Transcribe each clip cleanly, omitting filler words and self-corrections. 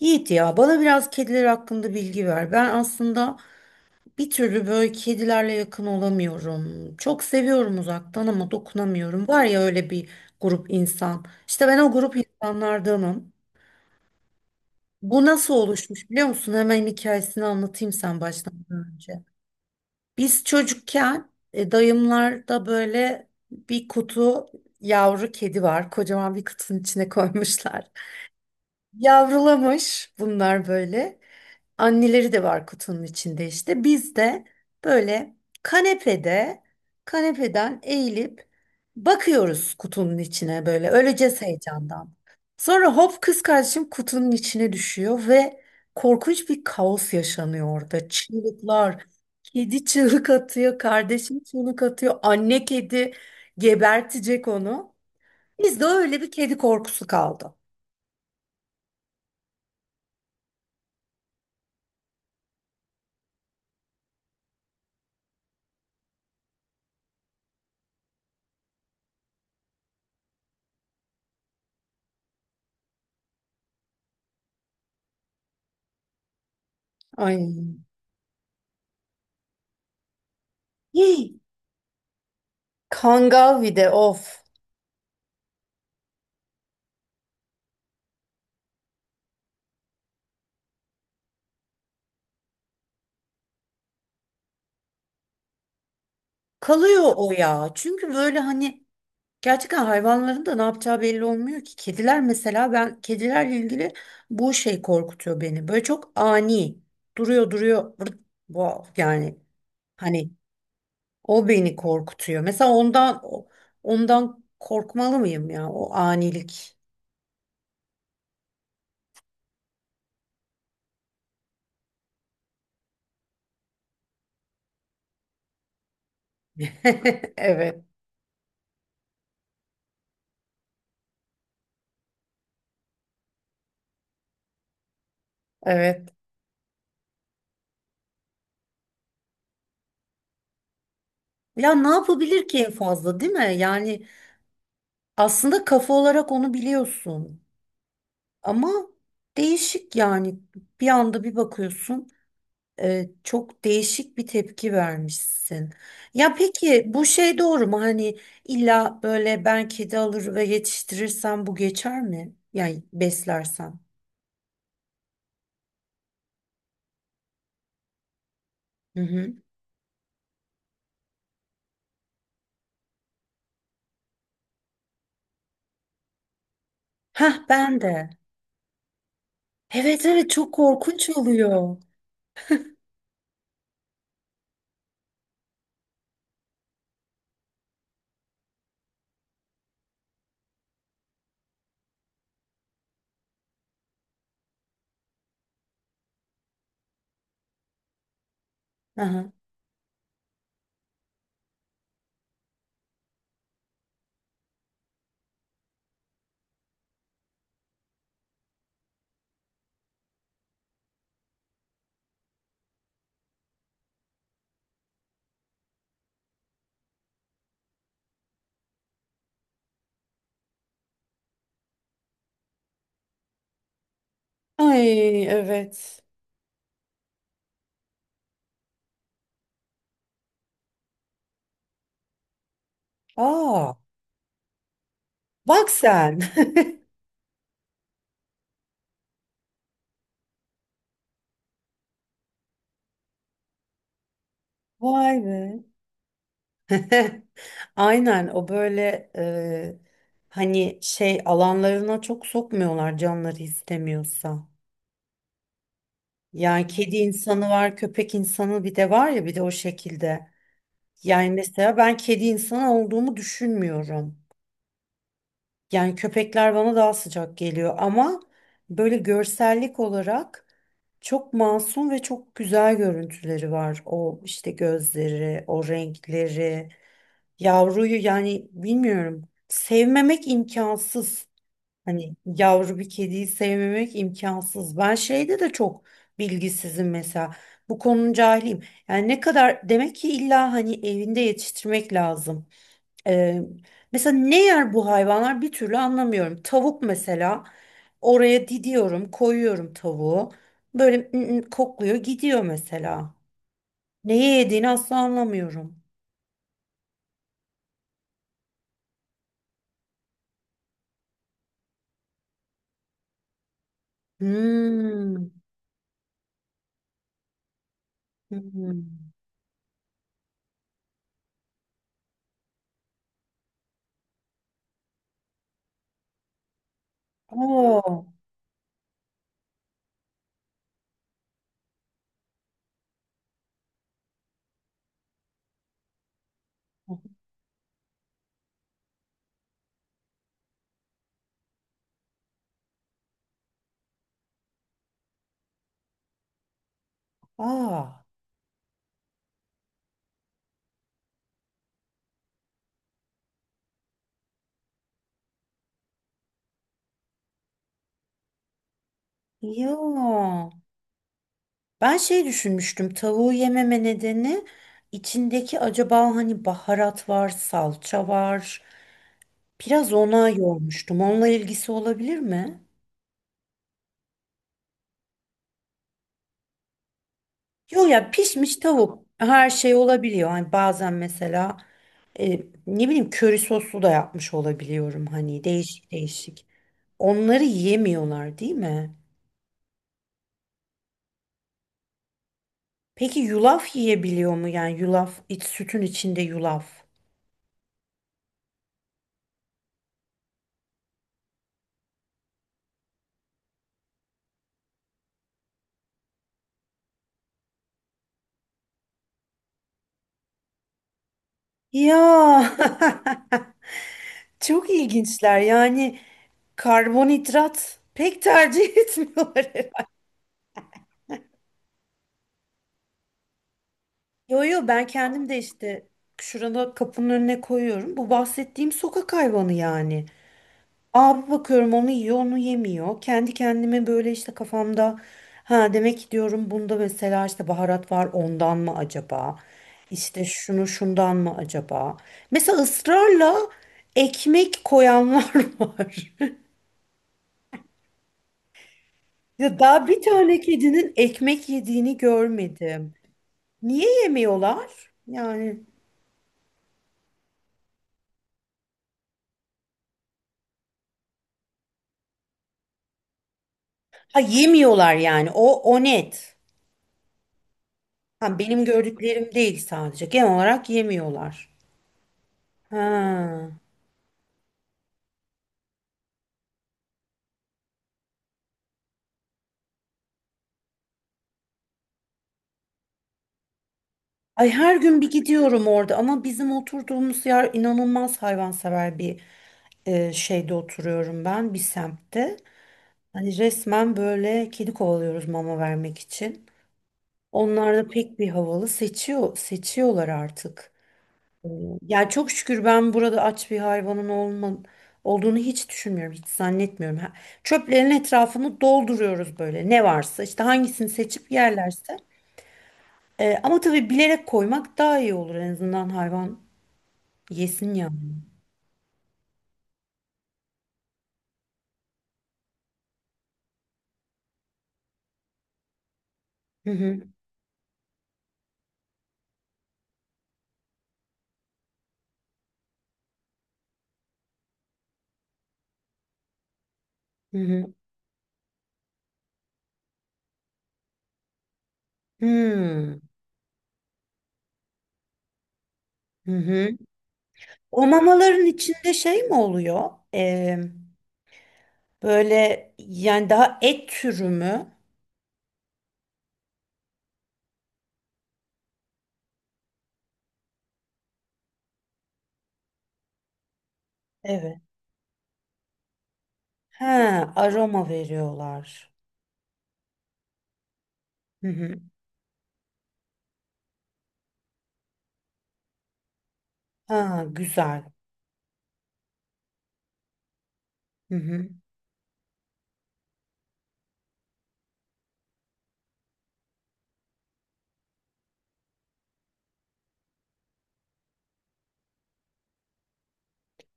Yiğit ya bana biraz kediler hakkında bilgi ver. Ben aslında bir türlü böyle kedilerle yakın olamıyorum. Çok seviyorum uzaktan ama dokunamıyorum. Var ya öyle bir grup insan. İşte ben o grup insanlardanım. Bu nasıl oluşmuş biliyor musun? Hemen hikayesini anlatayım sen başlamadan önce. Biz çocukken dayımlarda böyle bir kutu yavru kedi var. Kocaman bir kutunun içine koymuşlar. Yavrulamış bunlar böyle. Anneleri de var kutunun içinde işte. Biz de böyle kanepede, kanepeden eğilip bakıyoruz kutunun içine böyle öleceğiz heyecandan. Sonra hop kız kardeşim kutunun içine düşüyor ve korkunç bir kaos yaşanıyor orada. Çığlıklar, kedi çığlık atıyor, kardeşim çığlık atıyor, anne kedi gebertecek onu. Bizde öyle bir kedi korkusu kaldı. Ay. Kangavi'de of. Kalıyor o ya. Çünkü böyle hani gerçekten hayvanların da ne yapacağı belli olmuyor ki. Kediler mesela ben kedilerle ilgili bu şey korkutuyor beni. Böyle çok ani duruyor duruyor vırt, wow, yani hani o beni korkutuyor. Mesela ondan korkmalı mıyım ya o anilik. Evet, evet. Ya ne yapabilir ki en fazla değil mi? Yani aslında kafa olarak onu biliyorsun. Ama değişik yani bir anda bir bakıyorsun, çok değişik bir tepki vermişsin. Ya peki bu şey doğru mu? Hani illa böyle ben kedi alır ve yetiştirirsem bu geçer mi? Yani beslersem. Hı hı. Hah ben de. Evet evet, çok korkunç oluyor. Aha. Ay evet. Aa, bak sen. Vay be. Aynen o böyle, hani şey alanlarına çok sokmuyorlar canları istemiyorsa. Yani kedi insanı var, köpek insanı bir de var ya bir de o şekilde. Yani mesela ben kedi insanı olduğumu düşünmüyorum. Yani köpekler bana daha sıcak geliyor ama böyle görsellik olarak çok masum ve çok güzel görüntüleri var. O işte gözleri, o renkleri, yavruyu yani bilmiyorum. Sevmemek imkansız. Hani yavru bir kediyi sevmemek imkansız. Ben şeyde de çok bilgisizim mesela. Bu konunun cahiliyim. Yani ne kadar demek ki illa hani evinde yetiştirmek lazım. Ee, mesela ne yer bu hayvanlar bir türlü anlamıyorum. Tavuk mesela oraya didiyorum, koyuyorum tavuğu. Böyle "ı, ı" kokluyor, gidiyor mesela. Neye yediğini asla anlamıyorum. Hmm. Hmm. Oo. Aa. Ya. Ben şey düşünmüştüm, tavuğu yememe nedeni içindeki acaba hani baharat var, salça var. Biraz ona yormuştum. Onunla ilgisi olabilir mi? Yok ya, pişmiş tavuk her şey olabiliyor. Hani bazen mesela, e, ne bileyim köri soslu da yapmış olabiliyorum hani değişik değişik. Onları yiyemiyorlar değil mi? Peki yulaf yiyebiliyor mu? Yani yulaf iç, sütün içinde yulaf. Ya. Çok ilginçler yani, karbonhidrat pek tercih etmiyorlar herhalde. Yo yo, ben kendim de işte şurada kapının önüne koyuyorum. Bu bahsettiğim sokak hayvanı yani. Abi bakıyorum onu yiyor onu yemiyor. Kendi kendime böyle işte kafamda ha demek ki diyorum bunda mesela işte baharat var ondan mı acaba? İşte şunu şundan mı acaba? Mesela ısrarla ekmek koyanlar var. Ya daha bir tane kedinin ekmek yediğini görmedim. Niye yemiyorlar? Yani ha yemiyorlar yani o net. Ha benim gördüklerim değil sadece. Genel olarak yemiyorlar. Ha. Ay her gün bir gidiyorum orada ama bizim oturduğumuz yer inanılmaz hayvansever bir, şeyde oturuyorum ben bir semtte. Hani resmen böyle kedi kovalıyoruz mama vermek için. Onlar da pek bir havalı seçiyorlar artık. Ya çok şükür ben burada aç bir hayvanın olma, olduğunu hiç düşünmüyorum, hiç zannetmiyorum. Ha- Çöplerin etrafını dolduruyoruz böyle ne varsa işte hangisini seçip yerlerse. Ama tabii bilerek koymak daha iyi olur, en azından hayvan yesin yani. Hı hı, hı hı. Hmm, hı hı. O mamaların içinde şey mi oluyor? Böyle yani daha et türü mü? Evet. Ha, aroma veriyorlar. Hı hı. Ha, güzel. Hı hı.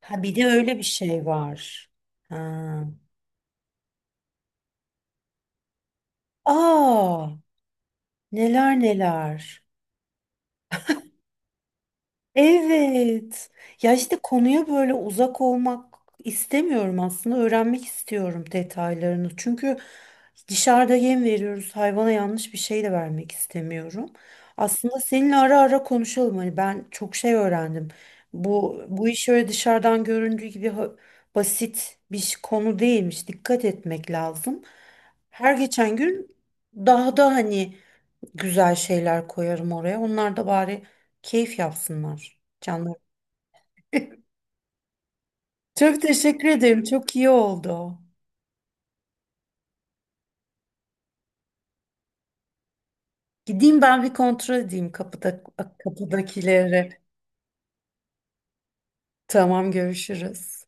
Ha bir de öyle bir şey var. Ha. Aa, neler neler. Evet. Ya işte konuya böyle uzak olmak istemiyorum aslında. Öğrenmek istiyorum detaylarını. Çünkü dışarıda yem veriyoruz. Hayvana yanlış bir şey de vermek istemiyorum. Aslında seninle ara ara konuşalım. Hani ben çok şey öğrendim. Bu iş öyle dışarıdan göründüğü gibi ha- basit bir ş- konu değilmiş. Dikkat etmek lazım. Her geçen gün daha da hani güzel şeyler koyarım oraya. Onlar da bari keyif yapsınlar canlar. Çok teşekkür ederim. Çok iyi oldu. Gideyim ben bir kontrol edeyim kapıda, kapıdakileri. Tamam, görüşürüz.